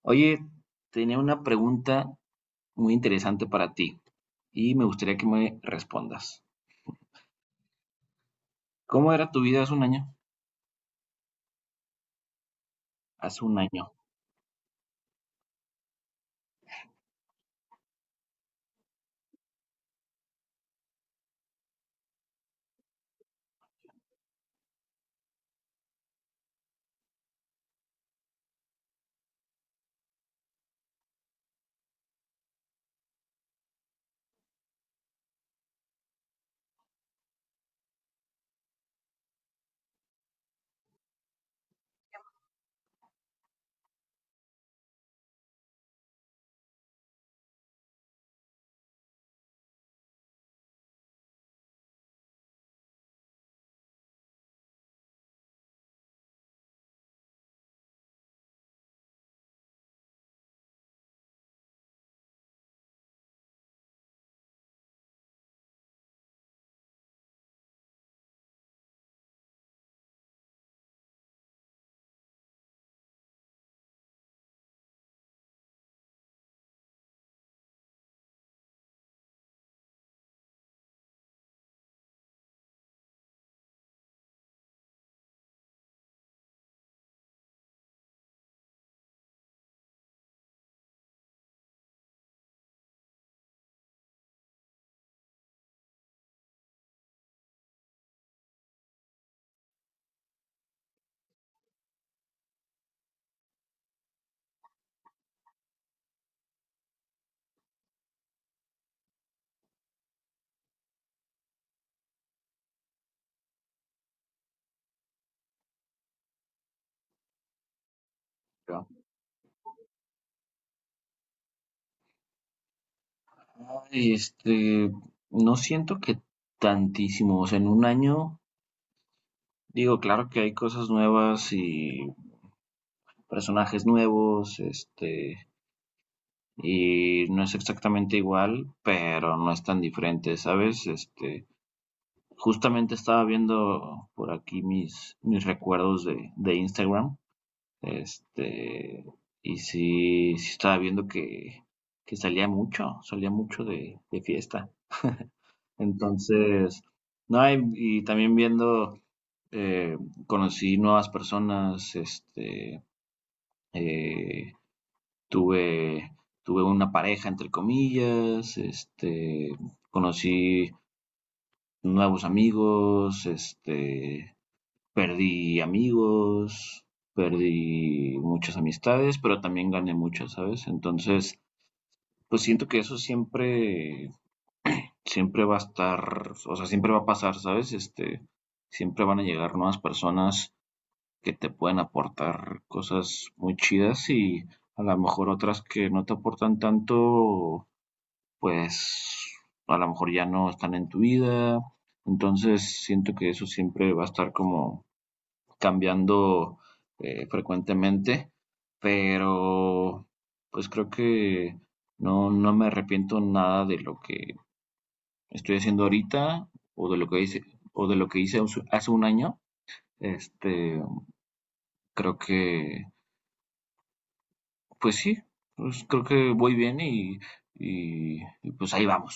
Oye, tenía una pregunta muy interesante para ti y me gustaría que me respondas. ¿Cómo era tu vida hace un año? Hace un año, creo. Ay, no siento que tantísimo, o sea, en un año, digo, claro que hay cosas nuevas y personajes nuevos, y no es exactamente igual, pero no es tan diferente, ¿sabes? Justamente estaba viendo por aquí mis recuerdos de Instagram. Este, y sí, sí estaba viendo que salía mucho de fiesta. Entonces, no, y también viendo, eh, conocí nuevas personas, eh, tuve, tuve una pareja, entre comillas, conocí nuevos amigos, perdí amigos, perdí muchas amistades, pero también gané muchas, ¿sabes? Entonces, pues siento que eso siempre va a estar, o sea, siempre va a pasar, ¿sabes? Siempre van a llegar nuevas personas que te pueden aportar cosas muy chidas y a lo mejor otras que no te aportan tanto, pues a lo mejor ya no están en tu vida. Entonces, siento que eso siempre va a estar como cambiando frecuentemente, pero pues creo que no, no me arrepiento nada de lo que estoy haciendo ahorita o de lo que hice, o de lo que hice hace un año. Este, creo que, pues sí, pues creo que voy bien y pues ahí vamos.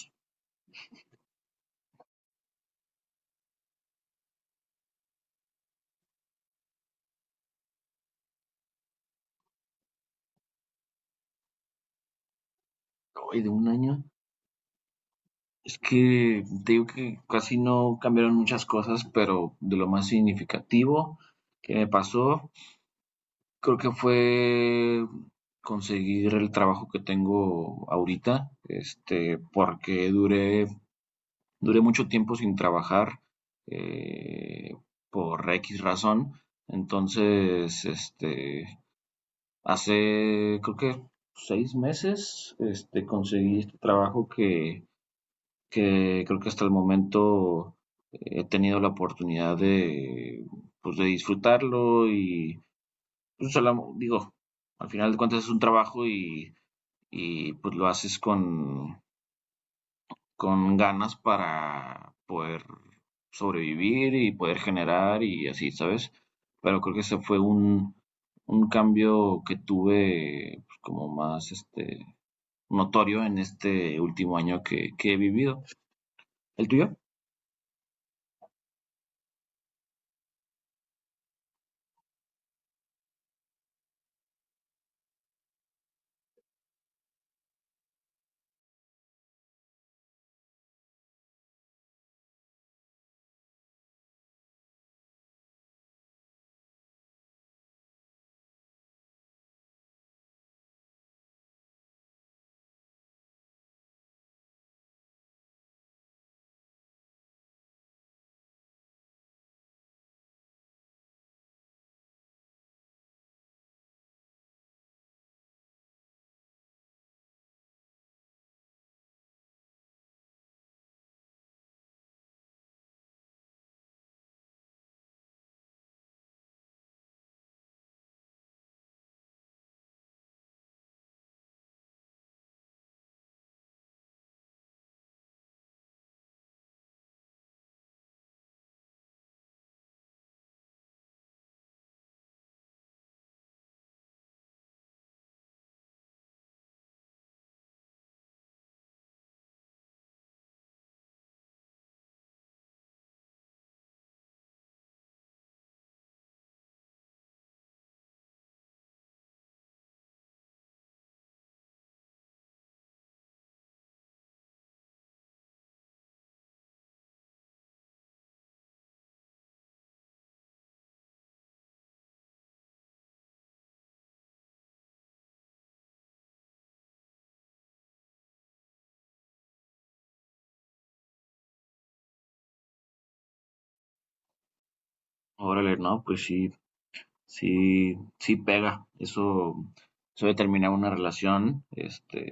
Hoy de un año. Es que te digo que casi no cambiaron muchas cosas, pero de lo más significativo que me pasó creo que fue conseguir el trabajo que tengo ahorita, porque duré mucho tiempo sin trabajar eh, por X razón. Entonces, hace creo que seis meses, conseguí este trabajo que creo que hasta el momento he tenido la oportunidad de, pues, de disfrutarlo y pues, solo, digo, al final de cuentas es un trabajo y pues lo haces con ganas para poder sobrevivir y poder generar y así, ¿sabes? Pero creo que ese fue un cambio que tuve pues, como más notorio en este último año que he vivido. ¿El tuyo? Órale, no, pues sí, sí, pega. Eso de terminar una relación,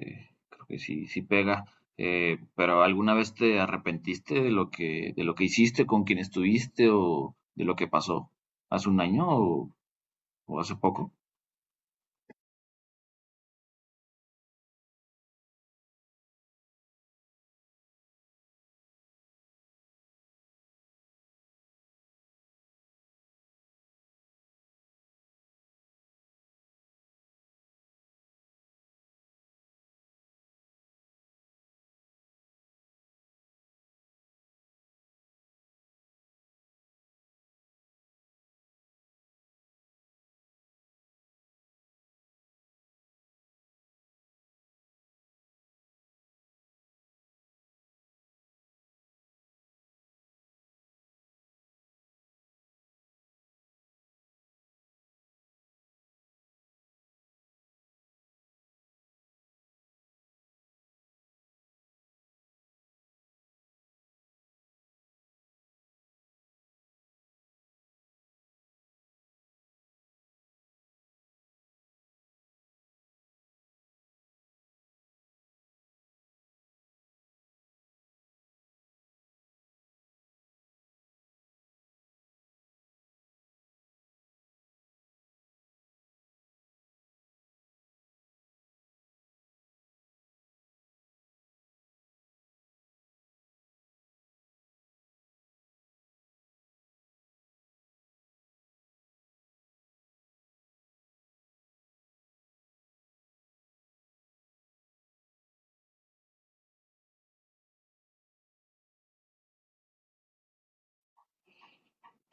creo que sí, sí pega. Pero ¿alguna vez te arrepentiste de lo que hiciste, con quien estuviste o de lo que pasó hace un año o hace poco?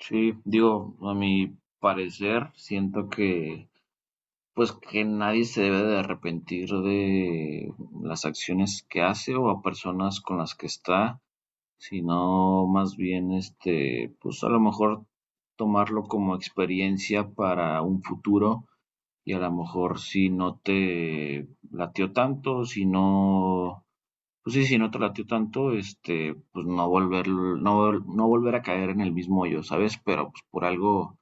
Sí, digo, a mi parecer, siento que, pues, que nadie se debe de arrepentir de las acciones que hace o a personas con las que está. Sino más bien, pues a lo mejor tomarlo como experiencia para un futuro y a lo mejor si no te latió tanto, si no, pues sí, si no te latió tanto, pues no volver, no, no volver a caer en el mismo hoyo, ¿sabes? Pero pues por algo,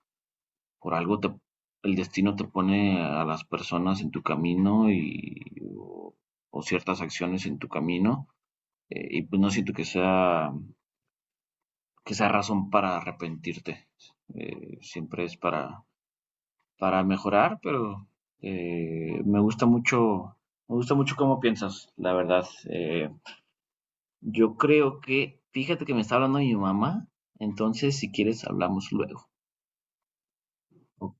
por algo te, el destino te pone a las personas en tu camino o, o ciertas acciones en tu camino, y pues no siento que sea razón para arrepentirte. Siempre es para mejorar, pero eh, me gusta mucho, me gusta mucho cómo piensas, la verdad. Yo creo que, fíjate que me está hablando mi mamá, entonces si quieres hablamos luego. Ok,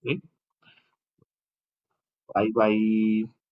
bye bye.